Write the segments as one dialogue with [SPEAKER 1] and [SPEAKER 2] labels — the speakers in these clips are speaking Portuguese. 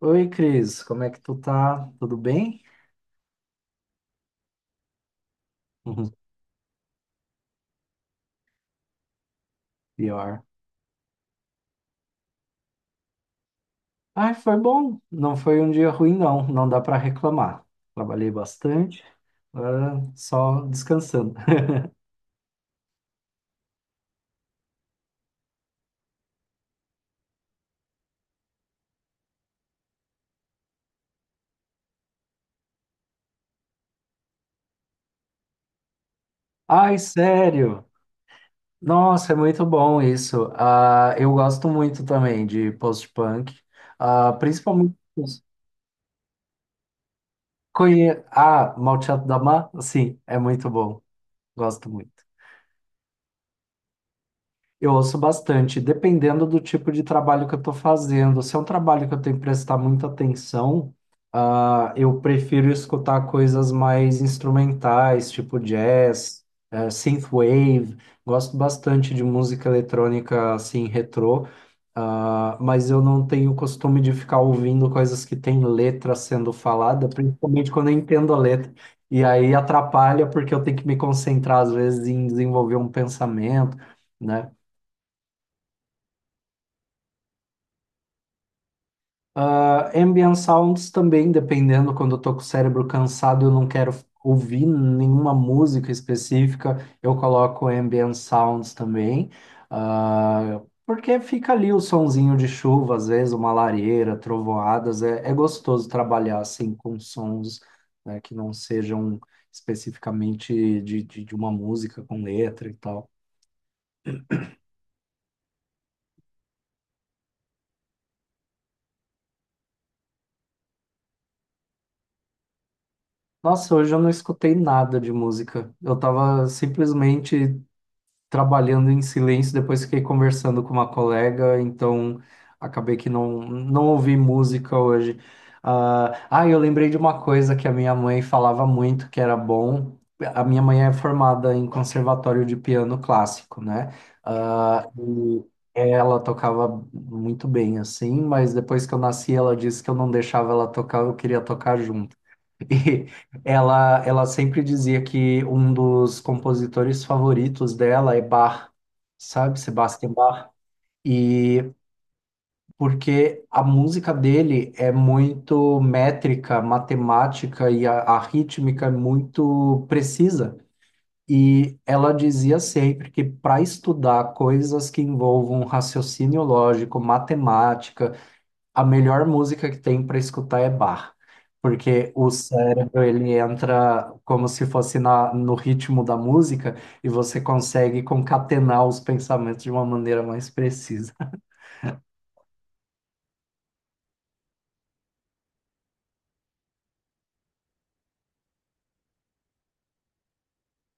[SPEAKER 1] Oi, Cris, como é que tu tá? Tudo bem? Uhum. Pior. Ai, foi bom. Não foi um dia ruim, não. Não dá para reclamar. Trabalhei bastante, agora só descansando. Ai, sério? Nossa, é muito bom isso. Ah, eu gosto muito também de post-punk. Ah, principalmente os- Ah, Malteado da Mar, sim, é muito bom. Gosto muito. Eu ouço bastante, dependendo do tipo de trabalho que eu estou fazendo. Se é um trabalho que eu tenho que prestar muita atenção, eu prefiro escutar coisas mais instrumentais, tipo jazz, synthwave. Gosto bastante de música eletrônica assim, retrô, mas eu não tenho costume de ficar ouvindo coisas que têm letra sendo falada, principalmente quando eu entendo a letra. E aí atrapalha porque eu tenho que me concentrar, às vezes, em desenvolver um pensamento, né? Ah, ambient sounds também, dependendo, quando eu tô com o cérebro cansado, eu não quero ouvir nenhuma música específica, eu coloco ambient sounds também. Ah, porque fica ali o sonzinho de chuva, às vezes uma lareira, trovoadas, é, é gostoso trabalhar assim com sons, né, que não sejam especificamente de uma música com letra e tal. Nossa, hoje eu não escutei nada de música. Eu tava simplesmente trabalhando em silêncio, depois fiquei conversando com uma colega, então acabei que não ouvi música hoje. Eu lembrei de uma coisa que a minha mãe falava muito que era bom. A minha mãe é formada em conservatório de piano clássico, né? Ah, e ela tocava muito bem assim, mas depois que eu nasci, ela disse que eu não deixava ela tocar, eu queria tocar junto. E ela sempre dizia que um dos compositores favoritos dela é Bach, sabe? Sebastian Bach. E porque a música dele é muito métrica, matemática e a rítmica é muito precisa. E ela dizia sempre que para estudar coisas que envolvam raciocínio lógico, matemática, a melhor música que tem para escutar é Bach, porque o cérebro ele entra como se fosse no ritmo da música e você consegue concatenar os pensamentos de uma maneira mais precisa.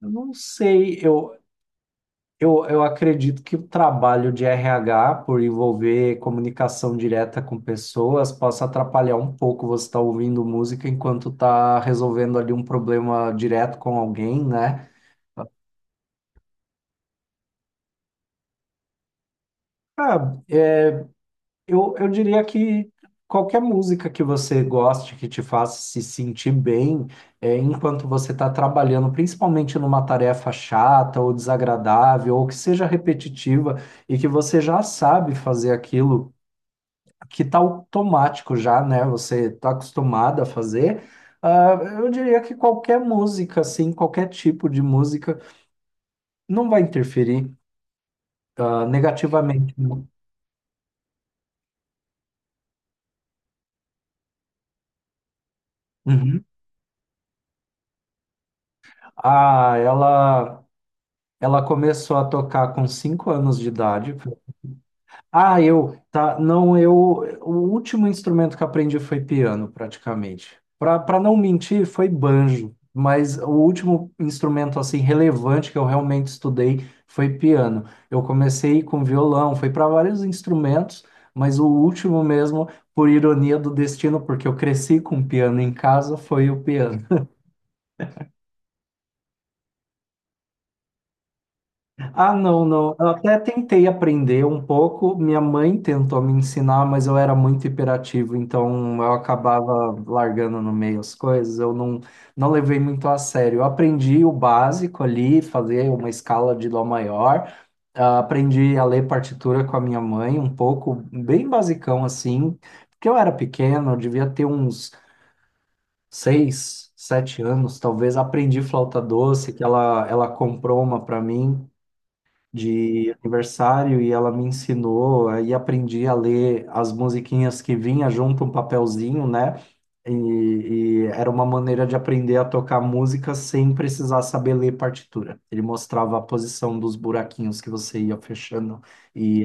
[SPEAKER 1] Eu não sei, eu acredito que o trabalho de RH, por envolver comunicação direta com pessoas, possa atrapalhar um pouco você estar ouvindo música enquanto está resolvendo ali um problema direto com alguém, né? Eu diria que qualquer música que você goste, que te faça se sentir bem, é, enquanto você está trabalhando, principalmente numa tarefa chata ou desagradável, ou que seja repetitiva e que você já sabe fazer aquilo que está automático já, né? Você está acostumado a fazer. ah, eu diria que qualquer música, assim, qualquer tipo de música, não vai interferir, ah, negativamente. Uhum. Ah, ela. Ela começou a tocar com 5 anos de idade. Ah, eu, tá, não, eu, O último instrumento que aprendi foi piano, praticamente. Para pra pra não mentir, foi banjo, mas o último instrumento, assim, relevante que eu realmente estudei foi piano. Eu comecei com violão, fui para vários instrumentos, mas o último mesmo, por ironia do destino, porque eu cresci com piano em casa, foi o piano. Ah, não. Eu até tentei aprender um pouco. Minha mãe tentou me ensinar, mas eu era muito hiperativo, então eu acabava largando no meio as coisas. Eu não, Não levei muito a sério. Eu aprendi o básico ali, fazer uma escala de dó maior. Ah, aprendi a ler partitura com a minha mãe, um pouco, bem basicão assim, porque eu era pequeno, eu devia ter uns 6, 7 anos, talvez. Aprendi flauta doce, que ela comprou uma para mim de aniversário e ela me ensinou, aí aprendi a ler as musiquinhas que vinha junto um papelzinho, né? E, e era uma maneira de aprender a tocar música sem precisar saber ler partitura. Ele mostrava a posição dos buraquinhos que você ia fechando e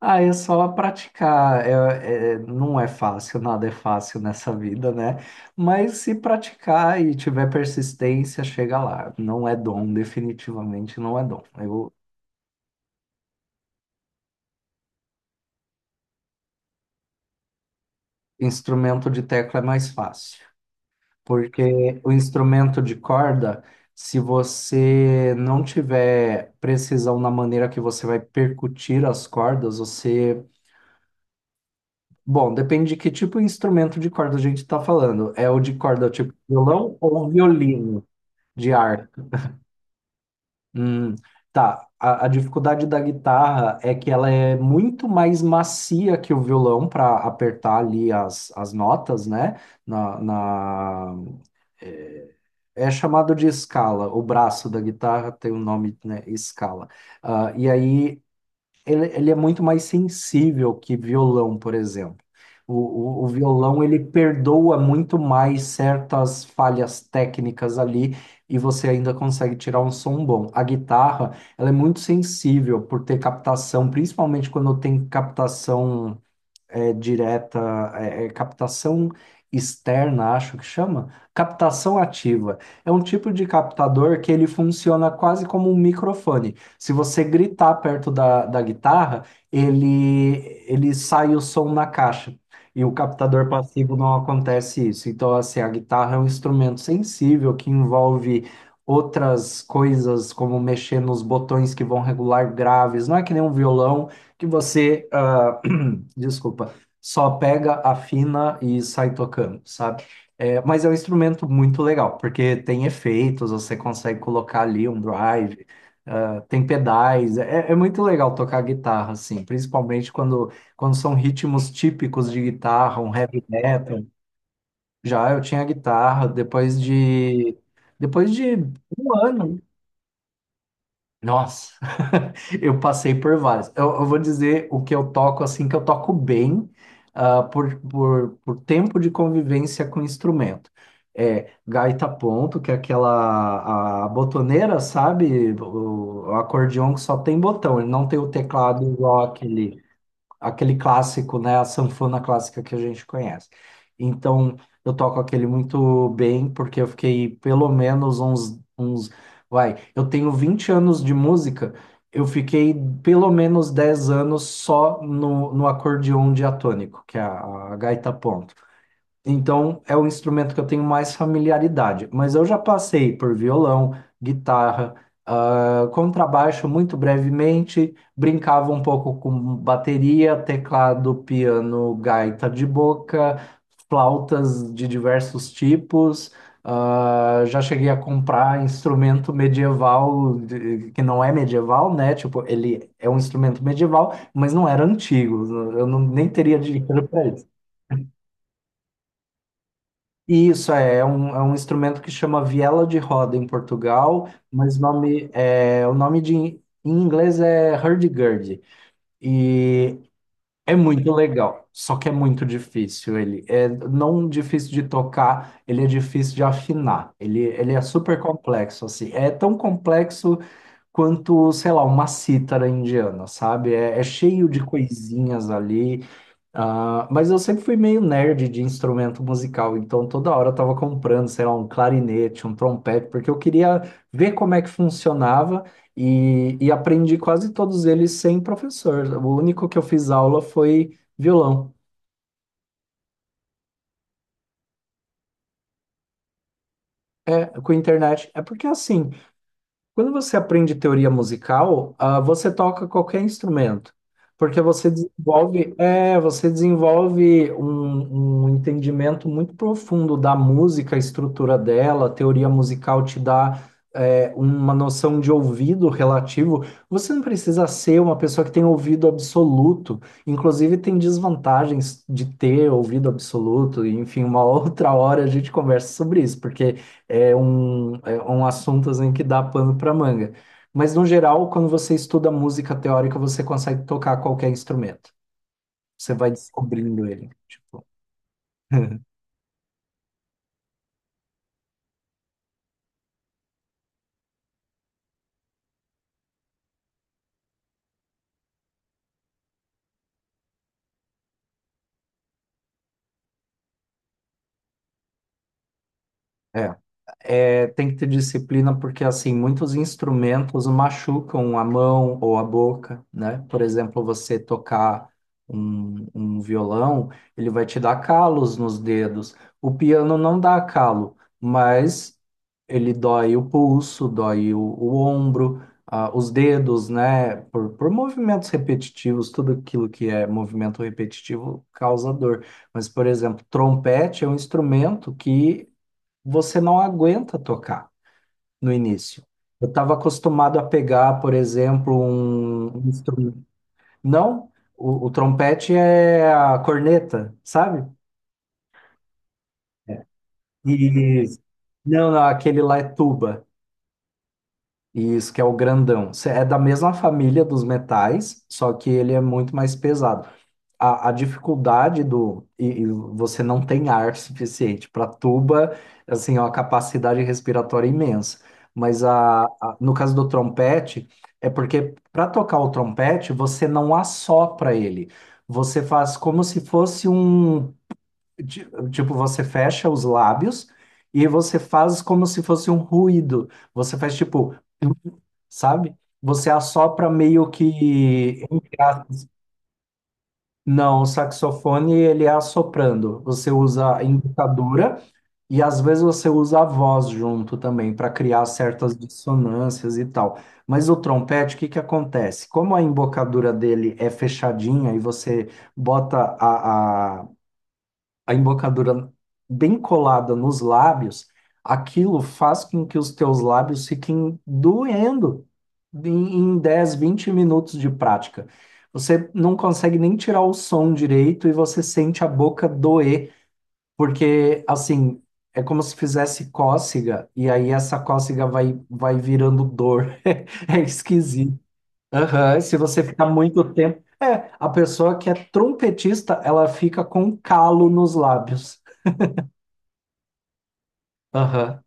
[SPEAKER 1] ah, é só praticar. É, não é fácil, nada é fácil nessa vida, né? Mas se praticar e tiver persistência, chega lá. Não é dom, definitivamente não é dom. Eu... Instrumento de tecla é mais fácil, porque o instrumento de corda, se você não tiver precisão na maneira que você vai percutir as cordas, você... Bom, depende de que tipo de instrumento de corda a gente está falando. É o de corda tipo violão ou violino de arco? Hum, tá. A dificuldade da guitarra é que ela é muito mais macia que o violão para apertar ali as notas, né? na, na- É é chamado de escala. O braço da guitarra tem o nome, né, escala. Ah, e aí ele é muito mais sensível que violão, por exemplo. O violão ele perdoa muito mais certas falhas técnicas ali e você ainda consegue tirar um som bom. A guitarra, ela é muito sensível por ter captação, principalmente quando tem captação, é, direta, é, é captação externa, acho que chama, captação ativa. É um tipo de captador que ele funciona quase como um microfone. Se você gritar perto da guitarra, ele sai o som na caixa. E o captador passivo não acontece isso. Então, assim, a guitarra é um instrumento sensível que envolve outras coisas, como mexer nos botões que vão regular graves. Não é que nem um violão que você, ah, desculpa, só pega, afina e sai tocando, sabe? É, mas é um instrumento muito legal, porque tem efeitos, você consegue colocar ali um drive, ah, tem pedais, é muito legal tocar guitarra, assim, principalmente quando são ritmos típicos de guitarra, um heavy metal. Já eu tinha guitarra, depois de um ano. Nossa, eu passei por vários. Eu vou dizer o que eu toco assim, que eu toco bem, ah, por tempo de convivência com o instrumento. É gaita ponto, que é aquela a botoneira, sabe? O acordeão que só tem botão, ele não tem o teclado igual aquele clássico, né? A sanfona clássica que a gente conhece. Então, eu toco aquele muito bem, porque eu fiquei pelo menos uns, uns, vai, eu tenho 20 anos de música, eu fiquei pelo menos 10 anos só no acordeão diatônico, que é a gaita ponto. Então, é o instrumento que eu tenho mais familiaridade. Mas eu já passei por violão, guitarra, ah, contrabaixo muito brevemente, brincava um pouco com bateria, teclado, piano, gaita de boca, flautas de diversos tipos. Ah, já cheguei a comprar instrumento medieval, que não é medieval, né? Tipo, ele é um instrumento medieval, mas não era antigo. Eu não, nem teria dinheiro para isso. Isso é, é um instrumento que chama viela de roda em Portugal, mas o nome, é, o nome de, em inglês é hurdy-gurdy. E é muito legal, só que é muito difícil ele. É não difícil de tocar, ele é difícil de afinar. Ele é super complexo, assim. É tão complexo quanto, sei lá, uma cítara indiana, sabe? É, é cheio de coisinhas ali. Ah, mas eu sempre fui meio nerd de instrumento musical, então toda hora eu tava comprando, sei lá, um clarinete, um trompete, porque eu queria ver como é que funcionava e aprendi quase todos eles sem professor. O único que eu fiz aula foi violão, é, com internet. É porque é assim, quando você aprende teoria musical, ah, você toca qualquer instrumento, porque você desenvolve, é, você desenvolve um entendimento muito profundo da música, a estrutura dela, a teoria musical te dá, é, uma noção de ouvido relativo. Você não precisa ser uma pessoa que tem ouvido absoluto, inclusive tem desvantagens de ter ouvido absoluto, e, enfim, uma outra hora a gente conversa sobre isso, porque é um assunto assim, que dá pano para manga. Mas, no geral, quando você estuda música teórica, você consegue tocar qualquer instrumento. Você vai descobrindo ele. Tipo, é. É, tem que ter disciplina porque, assim, muitos instrumentos machucam a mão ou a boca, né? Por exemplo, você tocar um violão, ele vai te dar calos nos dedos. O piano não dá calo, mas ele dói o pulso, dói o ombro, ah, os dedos, né? Por movimentos repetitivos, tudo aquilo que é movimento repetitivo causa dor. Mas, por exemplo, trompete é um instrumento que você não aguenta tocar no início. Eu estava acostumado a pegar, por exemplo, um instrumento. Não, o trompete é a corneta, sabe? E não, aquele lá é tuba. Isso, que é o grandão. É da mesma família dos metais, só que ele é muito mais pesado. A dificuldade do e você não tem ar suficiente para tuba, assim, é uma capacidade respiratória imensa. Mas no caso do trompete, é porque para tocar o trompete, você não assopra ele. Você faz como se fosse um, tipo, você fecha os lábios e você faz como se fosse um ruído. Você faz tipo, sabe? Você assopra meio que... Não, o saxofone ele é assoprando. Você usa a embocadura e às vezes você usa a voz junto também para criar certas dissonâncias e tal. Mas o trompete, o que que acontece? Como a embocadura dele é fechadinha e você bota a embocadura bem colada nos lábios, aquilo faz com que os teus lábios fiquem doendo em 10, 20 minutos de prática. Você não consegue nem tirar o som direito e você sente a boca doer, porque assim, é como se fizesse cócega e aí essa cócega vai virando dor. É esquisito. Aham. Se você ficar muito tempo. É, a pessoa que é trompetista, ela fica com calo nos lábios. Aham,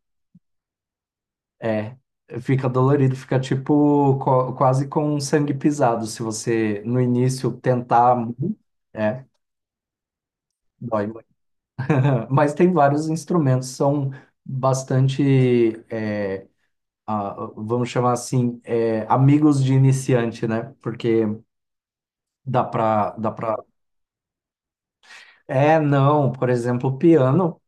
[SPEAKER 1] é. Fica dolorido, fica tipo quase com um sangue pisado. Se você no início tentar, muito, é, dói muito. Mas tem vários instrumentos, são bastante, é, vamos chamar assim, é, amigos de iniciante, né? Porque dá pra. É, não, por exemplo, o piano.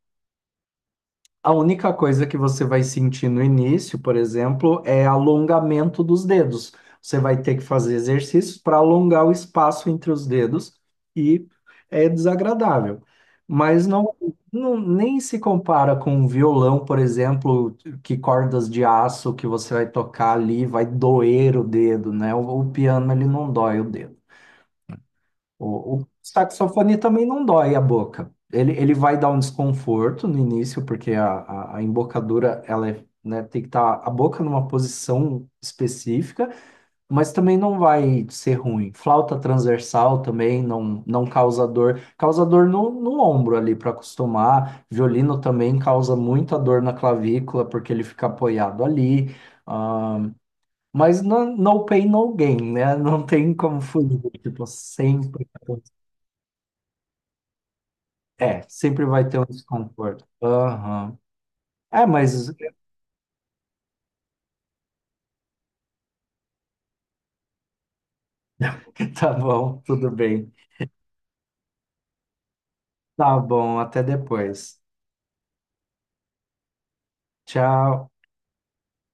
[SPEAKER 1] A única coisa que você vai sentir no início, por exemplo, é alongamento dos dedos. Você vai ter que fazer exercícios para alongar o espaço entre os dedos e é desagradável. Mas não, nem se compara com um violão, por exemplo, que cordas de aço que você vai tocar ali vai doer o dedo, né? O piano ele não dói o dedo. O saxofone também não dói a boca. Ele vai dar um desconforto no início, porque a embocadura, ela é, né, tem que estar a boca numa posição específica, mas também não vai ser ruim. Flauta transversal também não causa dor. Causa dor no ombro ali para acostumar. Violino também causa muita dor na clavícula, porque ele fica apoiado ali. Ah, mas no, no pain, no gain, né? Não tem como fugir. Tipo, sempre. É, sempre vai ter um desconforto. Aham. É, mas tá bom, tudo bem. Tá bom, até depois. Tchau.